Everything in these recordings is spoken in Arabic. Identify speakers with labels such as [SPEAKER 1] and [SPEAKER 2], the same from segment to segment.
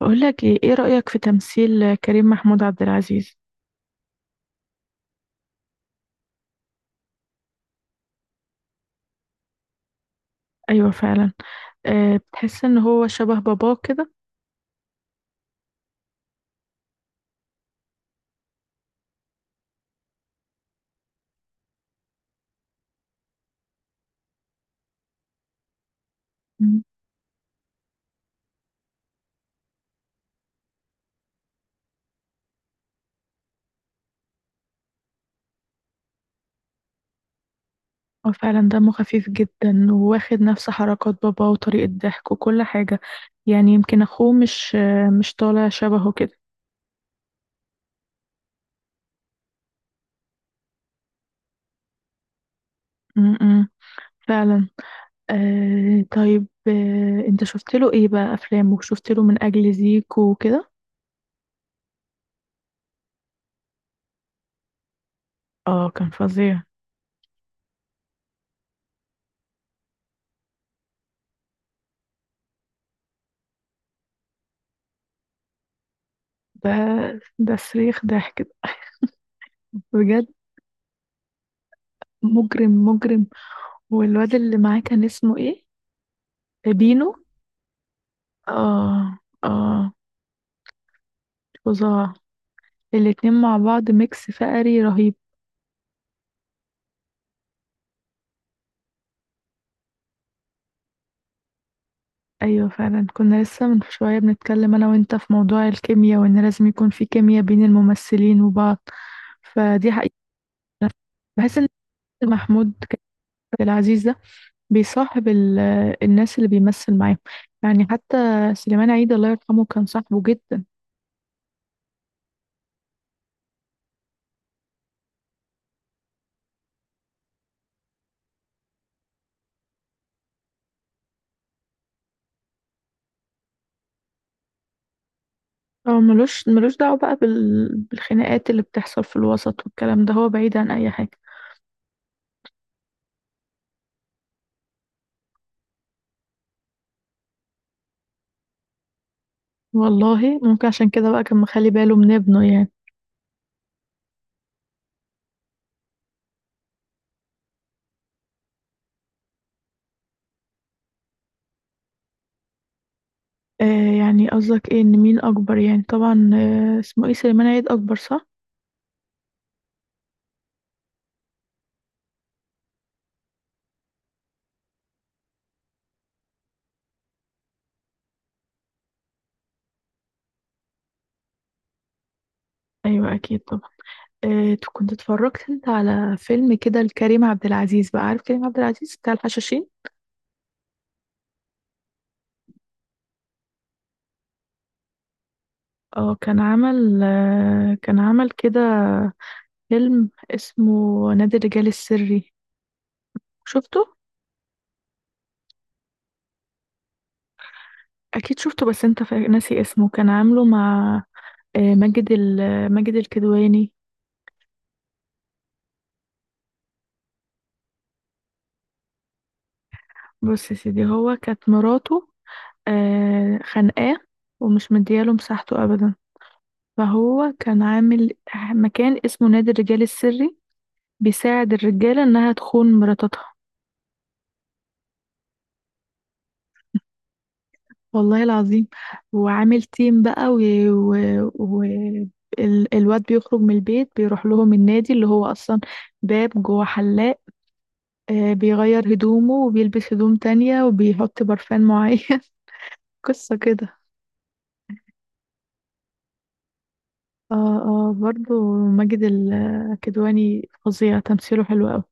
[SPEAKER 1] بقول لك ايه رأيك في تمثيل كريم محمود عبد العزيز؟ ايوه فعلا. أه بتحس ان هو شبه باباه كده. مم. هو فعلا دمه خفيف جدا وواخد نفس حركات باباه وطريقة ضحك وكل حاجة. يعني يمكن اخوه مش مش طالع شبهه كده. م-م. فعلا. أه طيب، أه انت شفت له ايه بقى افلامه؟ شفت له من اجل زيكو وكده. اه، كان فظيع. ده ده صريخ ضحك بجد. مجرم مجرم. والواد اللي معاه كان اسمه ايه؟ بينو. اه اه، فظاع. الاتنين مع بعض ميكس فقري رهيب. ايوه فعلا، كنا لسه من شويه بنتكلم انا وانت في موضوع الكيمياء، وان لازم يكون في كيمياء بين الممثلين وبعض. فدي حقيقة. بحس ان محمود كامل العزيز ده بيصاحب الناس اللي بيمثل معاهم. يعني حتى سليمان عيد الله يرحمه كان صاحبه جدا. هو ملوش دعوة بقى بالخناقات اللي بتحصل في الوسط والكلام ده، هو بعيد عن اي حاجة. والله ممكن عشان كده بقى كان مخلي باله من ابنه يعني. آه، يعني قصدك ايه، ان مين اكبر؟ يعني طبعا آه، اسمه ايه، سليمان عيد اكبر صح. ايوه اكيد طبعا. آه، كنت اتفرجت انت على فيلم كده لكريم عبد العزيز؟ بقى عارف كريم عبد العزيز بتاع الحشاشين؟ اه كان عمل كده فيلم اسمه نادي الرجال السري. شفته؟ اكيد شفته، بس انت ناسي اسمه. كان عامله مع آه، ماجد الكدواني. بص يا سيدي، هو كانت مراته آه، خانقاه ومش مدياله مساحته أبدا. فهو كان عامل مكان اسمه نادي الرجال السري، بيساعد الرجالة إنها تخون مراتاتها والله العظيم. وعامل تيم بقى و... و... الواد بيخرج من البيت بيروح لهم النادي، اللي هو أصلا باب جوه حلاق. آه، بيغير هدومه وبيلبس هدوم تانية وبيحط برفان معين. قصة كده. اه اه، برضه ماجد الكدواني فظيع، تمثيله حلو أوي.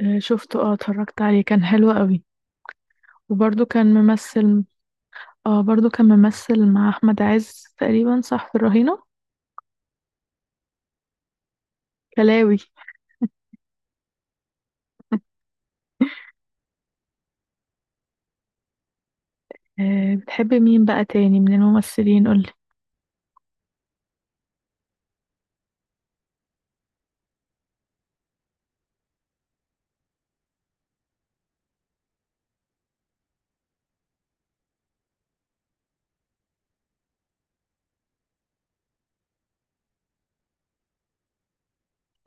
[SPEAKER 1] آه، شفته. اه، اتفرجت عليه كان حلو قوي. وبرضه كان ممثل اه برضه كان ممثل مع احمد عز تقريبا صح في الرهينة. كلاوي. آه، بتحبي مين بقى تاني من الممثلين؟ قولي.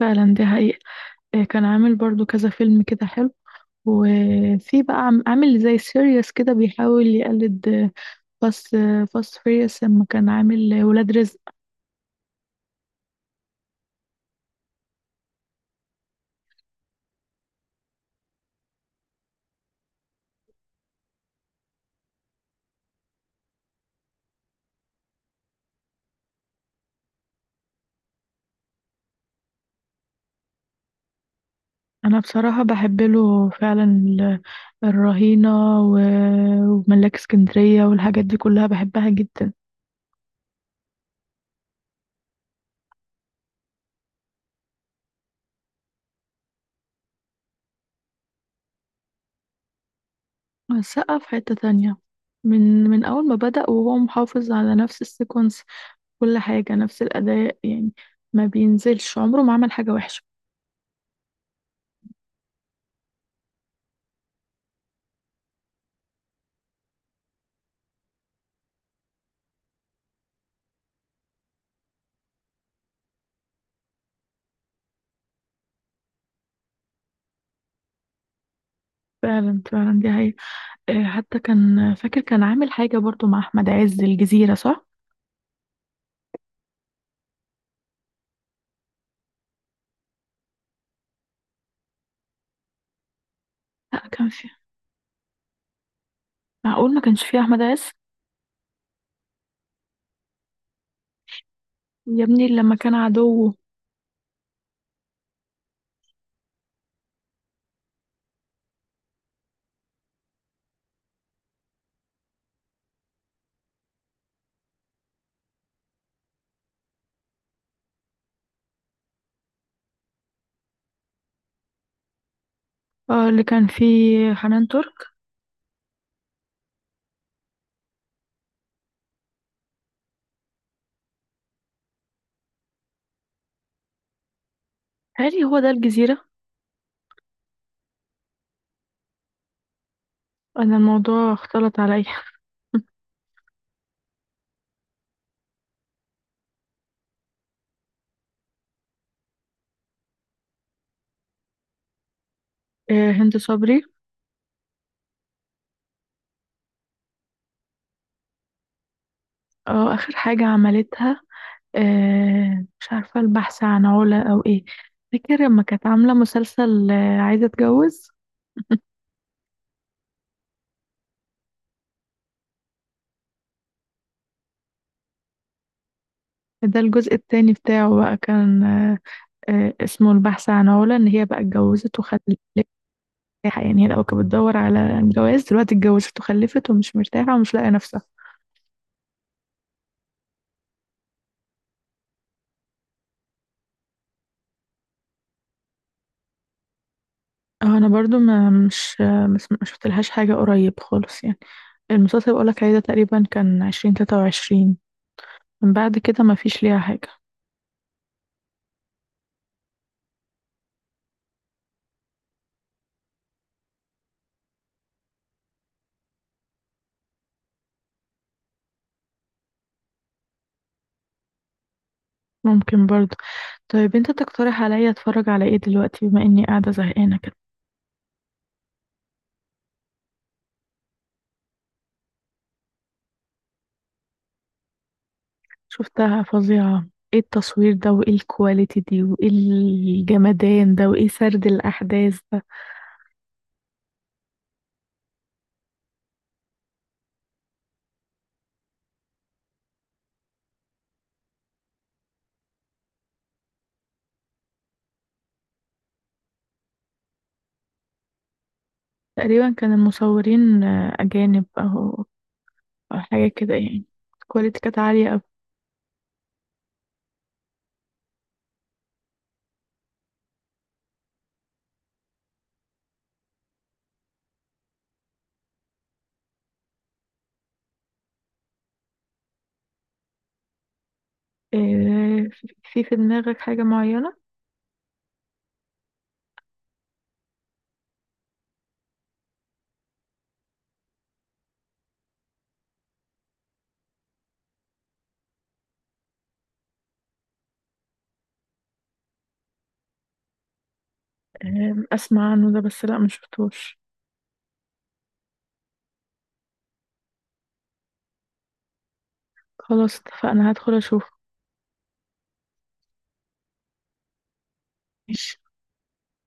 [SPEAKER 1] فعلا دي حقيقة. آه، كان عامل برضه كذا فيلم كده حلو. وفي بقى عامل زي سيريوس كده، بيحاول يقلد فاست فيريوس لما كان عامل ولاد رزق. انا بصراحة بحب له فعلا الرهينة وملاك اسكندرية، والحاجات دي كلها بحبها جدا. السقا في حتة تانية. من اول ما بدأ وهو محافظ على نفس السيكونس. كل حاجة نفس الاداء يعني. ما بينزلش، عمره ما عمل حاجة وحشة. فعلا فعلا، دي هي. حتى كان فاكر، كان عامل حاجة برضو مع احمد عز، الجزيرة صح. لا، كان في. معقول ما كانش فيه احمد عز؟ يا ابني لما كان عدوه. آه، اللي كان فيه حنان ترك. هل هو ده الجزيرة؟ أنا الموضوع اختلط عليا. آه، هند صبري. اه، آخر حاجة عملتها، آه، مش عارفة، البحث عن علا أو إيه. فاكر لما كانت عاملة مسلسل آه، عايزة أتجوز. ده الجزء التاني بتاعه بقى كان اسمه البحث عن علا، إن هي بقى اتجوزت وخلفت. يعني هي لو كانت بتدور على الجواز دلوقتي، اتجوزت وخلفت ومش مرتاحة ومش لاقية نفسها. اه انا برضو ما مش مش ما شفتلهاش حاجه قريب خالص يعني. المسلسل اللي بقولك عليه ده تقريبا كان 2023. من بعد كده ما فيش ليها حاجه. ممكن برضو. طيب انت تقترح عليا اتفرج على ايه دلوقتي، بما اني قاعده زهقانه كده؟ شفتها فظيعه. ايه التصوير ده، وايه الكواليتي دي، وايه الجمدان ده، وايه سرد الاحداث ده. تقريبا كان المصورين آه، اجانب أو حاجه كده يعني. الكواليتي كانت عاليه أوي. آه، في دماغك حاجه معينه؟ اسمع عنه ده، بس لا ما شفتوش. خلاص اتفقنا، هدخل اشوف. ماشي